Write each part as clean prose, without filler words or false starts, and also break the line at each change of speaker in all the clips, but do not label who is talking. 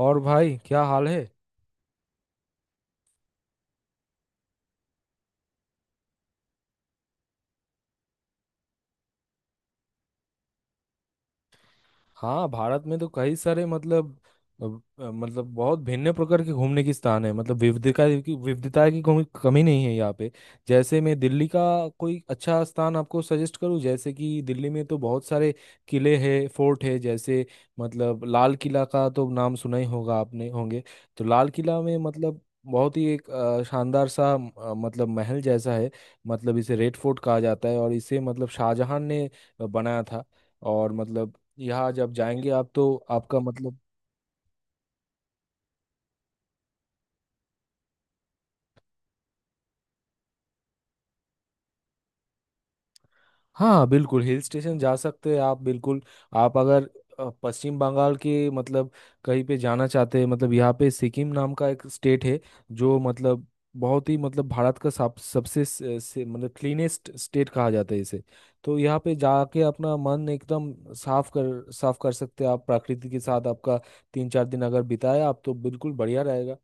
और भाई क्या हाल है। हाँ, भारत में तो कई सारे मतलब बहुत भिन्न प्रकार के घूमने की स्थान है। मतलब विविधता की कोई कमी नहीं है यहाँ पे। जैसे मैं दिल्ली का कोई अच्छा स्थान आपको सजेस्ट करूँ, जैसे कि दिल्ली में तो बहुत सारे किले हैं, फोर्ट है। जैसे मतलब लाल किला का तो नाम सुना ही होगा आपने होंगे। तो लाल किला में मतलब बहुत ही एक शानदार सा मतलब महल जैसा है। मतलब इसे रेड फोर्ट कहा जाता है, और इसे मतलब शाहजहां ने बनाया था। और मतलब यहाँ जब जाएंगे आप तो आपका मतलब हाँ बिल्कुल हिल स्टेशन जा सकते हैं आप बिल्कुल। आप अगर पश्चिम बंगाल के मतलब कहीं पे जाना चाहते हैं, मतलब यहाँ पे सिक्किम नाम का एक स्टेट है जो मतलब बहुत ही मतलब भारत का सब सबसे मतलब क्लीनेस्ट स्टेट कहा जाता है इसे। तो यहाँ पे जाके अपना मन एकदम साफ कर सकते हैं आप। प्रकृति के साथ आपका 3 4 दिन अगर बिताए आप तो बिल्कुल बढ़िया रहेगा।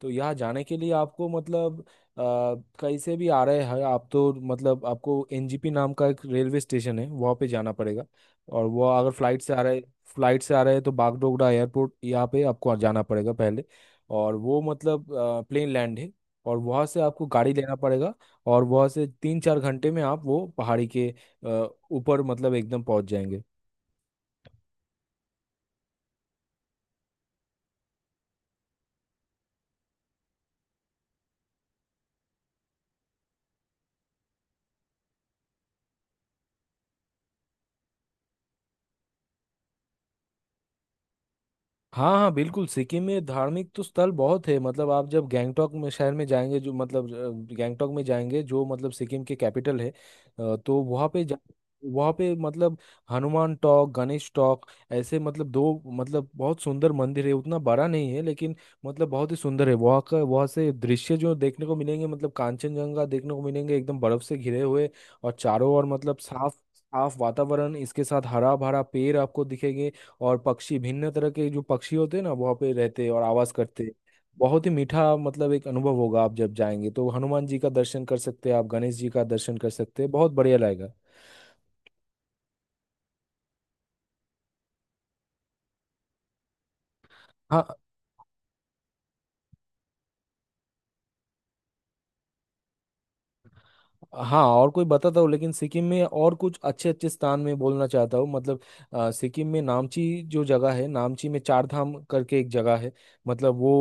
तो यहाँ जाने के लिए आपको मतलब अ, कहीं से भी आ रहे हैं आप तो मतलब आपको एनजीपी नाम का एक रेलवे स्टेशन है, वहाँ पे जाना पड़ेगा। और वो अगर फ्लाइट से आ रहे हैं तो बागडोगरा एयरपोर्ट यहाँ पे आपको जाना पड़ेगा पहले। और वो मतलब प्लेन लैंड है, और वहाँ से आपको गाड़ी लेना पड़ेगा। और वहाँ से 3 4 घंटे में आप वो पहाड़ी के ऊपर मतलब एकदम पहुँच जाएंगे। हाँ हाँ, बिल्कुल सिक्किम में धार्मिक तो स्थल बहुत है। मतलब आप जब गैंगटोक में शहर में जाएंगे, जो मतलब गैंगटोक में जाएंगे जो मतलब सिक्किम के कैपिटल है, तो वहाँ पे जा, वहाँ पे मतलब हनुमान टॉक, गणेश टॉक, ऐसे मतलब दो मतलब बहुत सुंदर मंदिर है। उतना बड़ा नहीं है, लेकिन मतलब बहुत ही सुंदर है। वहाँ का, वहाँ से दृश्य जो देखने को मिलेंगे, मतलब कांचनजंगा देखने को मिलेंगे एकदम बर्फ से घिरे हुए। और चारों ओर मतलब साफ साफ वातावरण, इसके साथ हरा भरा पेड़ आपको दिखेंगे। और पक्षी भिन्न तरह के जो पक्षी होते हैं ना, वहाँ पे रहते हैं और आवाज करते हैं। बहुत ही मीठा मतलब एक अनुभव होगा। आप जब जाएंगे तो हनुमान जी का दर्शन कर सकते हैं आप, गणेश जी का दर्शन कर सकते हैं, बहुत बढ़िया लगेगा। हाँ हाँ, और कोई बताता हूँ, लेकिन सिक्किम में और कुछ अच्छे अच्छे स्थान में बोलना चाहता हूँ। मतलब सिक्किम में नामची जो जगह है, नामची में चार धाम करके एक जगह है। मतलब वो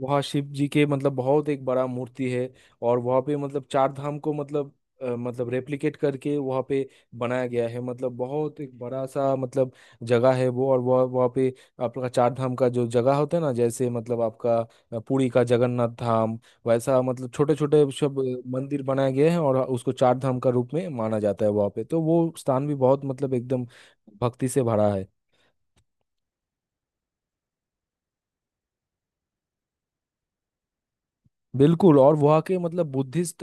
वहाँ शिव जी के मतलब बहुत एक बड़ा मूर्ति है। और वहाँ पे मतलब चार धाम को मतलब मतलब रेप्लिकेट करके वहाँ पे बनाया गया है। मतलब बहुत एक बड़ा सा मतलब जगह है वो। और वह वहाँ पे आपका चार धाम का जो जगह होता है ना, जैसे मतलब आपका पुरी का जगन्नाथ धाम, वैसा मतलब छोटे छोटे सब मंदिर बनाए गए हैं, और उसको चार धाम का रूप में माना जाता है वहाँ पे। तो वो स्थान भी बहुत मतलब एकदम भक्ति से भरा है। बिल्कुल। और वहाँ के मतलब बुद्धिस्ट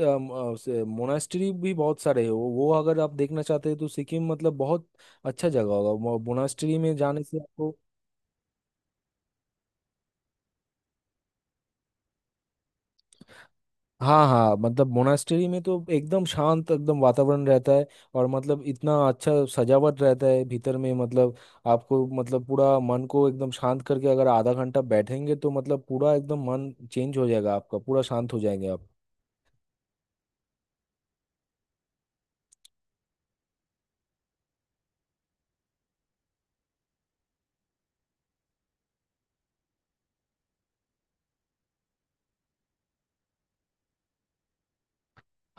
मोनास्ट्री भी बहुत सारे हैं। वो अगर आप देखना चाहते हैं तो सिक्किम मतलब बहुत अच्छा जगह होगा, मोनास्ट्री में जाने से आपको। हाँ हाँ, मतलब मोनास्ट्री में तो एकदम शांत, एकदम वातावरण रहता है। और मतलब इतना अच्छा सजावट रहता है भीतर में, मतलब आपको मतलब पूरा मन को एकदम शांत करके अगर आधा घंटा बैठेंगे तो मतलब पूरा एकदम मन चेंज हो जाएगा आपका, पूरा शांत हो जाएंगे आप।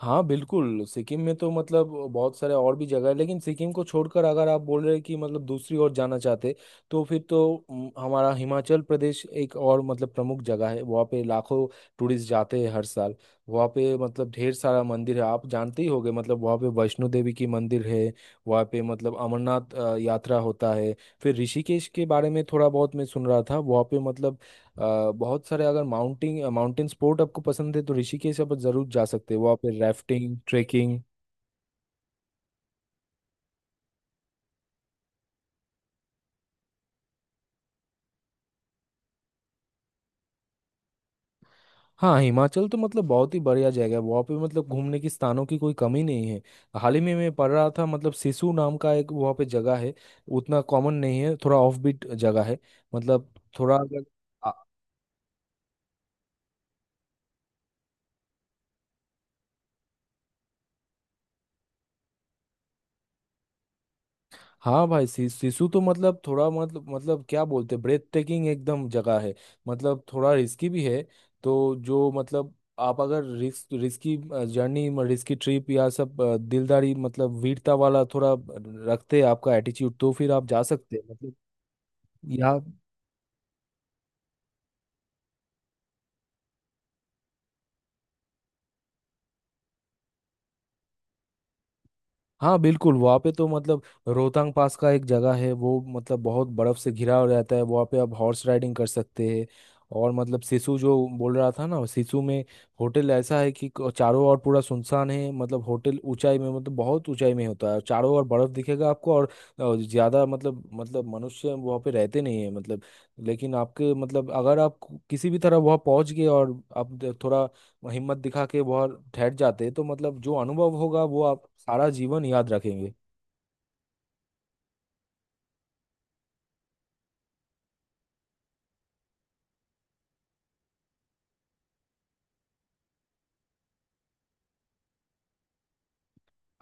हाँ बिल्कुल, सिक्किम में तो मतलब बहुत सारे और भी जगह है, लेकिन सिक्किम को छोड़कर अगर आप बोल रहे हैं कि मतलब दूसरी ओर जाना चाहते, तो फिर तो हमारा हिमाचल प्रदेश एक और मतलब प्रमुख जगह है। वहाँ पे लाखों टूरिस्ट जाते हैं हर साल। वहाँ पे मतलब ढेर सारा मंदिर है, आप जानते ही होंगे। मतलब वहाँ पे वैष्णो देवी की मंदिर है, वहाँ पे मतलब अमरनाथ यात्रा होता है। फिर ऋषिकेश के बारे में थोड़ा बहुत मैं सुन रहा था। वहाँ पे मतलब बहुत सारे, अगर माउंटिंग माउंटेन स्पोर्ट आपको पसंद है तो ऋषिकेश आप जरूर जा सकते हैं। वहाँ पे राफ्टिंग, ट्रेकिंग। हाँ, हिमाचल तो मतलब बहुत ही बढ़िया जगह है। वहाँ पे मतलब घूमने की स्थानों की कोई कमी नहीं है। हाल ही में मैं पढ़ रहा था मतलब सिसु नाम का एक वहाँ पे जगह है। उतना कॉमन नहीं है, थोड़ा ऑफ बीट जगह है। मतलब थोड़ा अगर आ- हाँ भाई, सिसु तो मतलब थोड़ा मतलब क्या बोलते हैं, ब्रेथ टेकिंग एकदम जगह है। मतलब थोड़ा रिस्की भी है। तो जो मतलब आप अगर रिस्की जर्नी, रिस्की ट्रिप या सब दिलदारी मतलब वीरता वाला थोड़ा रखते हैं आपका एटीट्यूड, तो फिर आप जा सकते हैं मतलब यहाँ। हाँ बिल्कुल, वहाँ पे तो मतलब रोहतांग पास का एक जगह है। वो मतलब बहुत बर्फ से घिरा हो रहता है। वहाँ पे आप हॉर्स राइडिंग कर सकते हैं। और मतलब सिसु जो बोल रहा था ना, सिसु में होटल ऐसा है कि चारों ओर पूरा सुनसान है। मतलब होटल ऊंचाई में, मतलब बहुत ऊंचाई में होता है, और चारों ओर बर्फ दिखेगा आपको। और ज्यादा मतलब मनुष्य वहाँ पे रहते नहीं है मतलब। लेकिन आपके मतलब अगर आप किसी भी तरह वहाँ पहुँच गए और आप थोड़ा हिम्मत दिखा के बहुत ठहर जाते, तो मतलब जो अनुभव होगा वो आप सारा जीवन याद रखेंगे।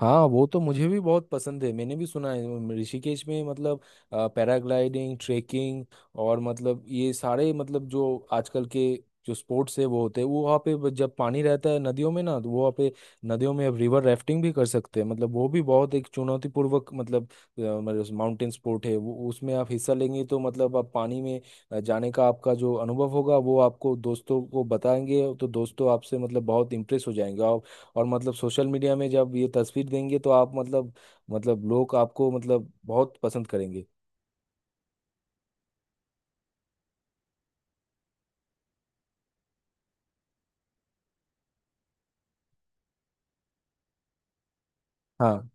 हाँ, वो तो मुझे भी बहुत पसंद है। मैंने भी सुना है ऋषिकेश में मतलब पैराग्लाइडिंग, ट्रेकिंग, और मतलब ये सारे मतलब जो आजकल के जो स्पोर्ट्स है वो होते हैं। वो वहाँ पे जब पानी रहता है नदियों में ना, तो वो वहाँ पे नदियों में अब रिवर राफ्टिंग भी कर सकते हैं। मतलब वो भी बहुत एक चुनौतीपूर्वक मतलब माउंटेन स्पोर्ट है वो। उसमें आप हिस्सा लेंगे तो मतलब आप पानी में जाने का आपका जो अनुभव होगा वो आपको दोस्तों को बताएंगे, तो दोस्तों आपसे मतलब बहुत इंप्रेस हो जाएंगे। और मतलब सोशल मीडिया में जब ये तस्वीर देंगे, तो आप मतलब लोग आपको मतलब बहुत पसंद करेंगे। हाँ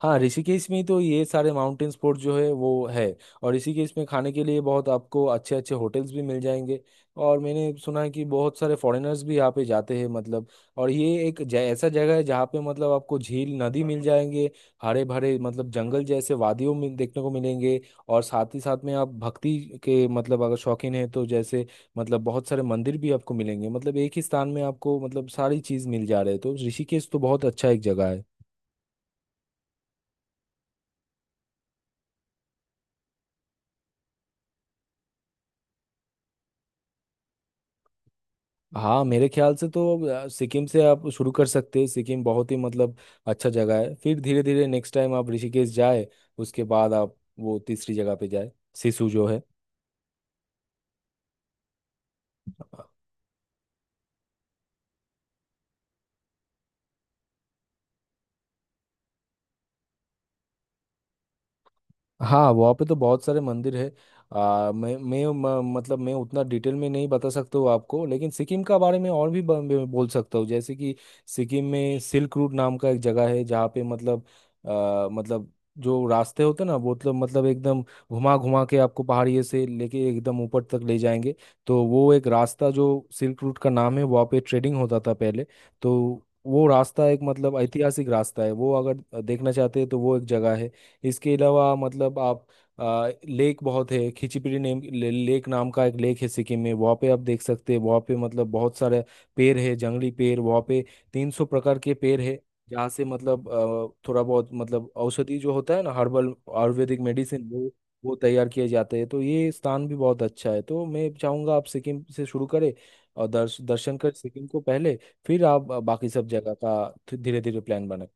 हाँ, ऋषिकेश में ही तो ये सारे माउंटेन स्पोर्ट जो है वो है। और ऋषिकेश में खाने के लिए बहुत आपको अच्छे अच्छे होटल्स भी मिल जाएंगे। और मैंने सुना है कि बहुत सारे फॉरेनर्स भी यहाँ पे जाते हैं मतलब। और ये एक ऐसा जगह है जहाँ पे मतलब आपको झील, नदी मिल जाएंगे, हरे भरे मतलब जंगल जैसे वादियों में देखने को मिलेंगे। और साथ ही साथ में आप भक्ति के मतलब अगर शौकीन है तो जैसे मतलब बहुत सारे मंदिर भी आपको मिलेंगे। मतलब एक ही स्थान में आपको मतलब सारी चीज़ मिल जा रहे है, तो ऋषिकेश तो बहुत अच्छा एक जगह है। हाँ मेरे ख्याल से तो सिक्किम से आप शुरू कर सकते हैं। सिक्किम बहुत ही मतलब अच्छा जगह है। फिर धीरे धीरे नेक्स्ट टाइम आप ऋषिकेश जाए। उसके बाद आप वो तीसरी जगह पे जाए, सिसु जो है। हाँ वहाँ पे तो बहुत सारे मंदिर है। मतलब मैं उतना डिटेल में नहीं बता सकता हूँ आपको, लेकिन सिक्किम का बारे में और भी ब, ब- बोल सकता हूँ। जैसे कि सिक्किम में सिल्क रूट नाम का एक जगह है, जहाँ पे मतलब मतलब जो रास्ते होते हैं ना, वो मतलब एकदम घुमा घुमा के आपको पहाड़िए से लेके एकदम ऊपर तक ले जाएंगे। तो वो एक रास्ता जो सिल्क रूट का नाम है, वहाँ पे ट्रेडिंग होता था पहले। तो वो रास्ता एक मतलब ऐतिहासिक रास्ता है। वो अगर देखना चाहते हैं तो वो एक जगह है। इसके अलावा मतलब आप लेक बहुत है। खिचीपीड़ी लेक नाम का एक लेक है सिक्किम में, वहाँ पे आप देख सकते हैं। वहाँ पे मतलब बहुत सारे पेड़ है, जंगली पेड़ वहाँ पे। 300 प्रकार के पेड़ है, जहाँ से मतलब थोड़ा बहुत मतलब औषधि जो होता है ना, हर्बल आयुर्वेदिक मेडिसिन वो तैयार किए जाते हैं। तो ये स्थान भी बहुत अच्छा है। तो मैं चाहूंगा आप सिक्किम से शुरू करें, और दर्शन कर सिक्किम को पहले। फिर आप बाकी सब जगह का धीरे धीरे प्लान बनाए।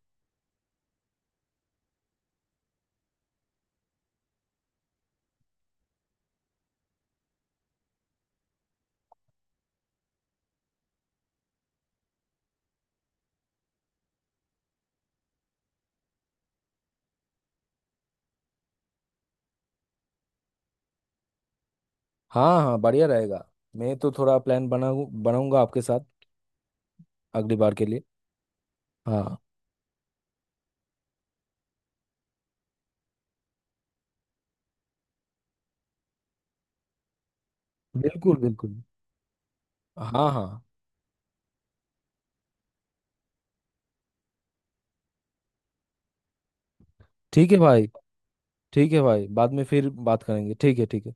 हाँ हाँ बढ़िया रहेगा। मैं तो थोड़ा प्लान बनाऊंगा आपके साथ अगली बार के लिए। हाँ बिल्कुल बिल्कुल। हाँ हाँ, ठीक है भाई। ठीक है भाई, बाद में फिर बात करेंगे। ठीक है, ठीक है।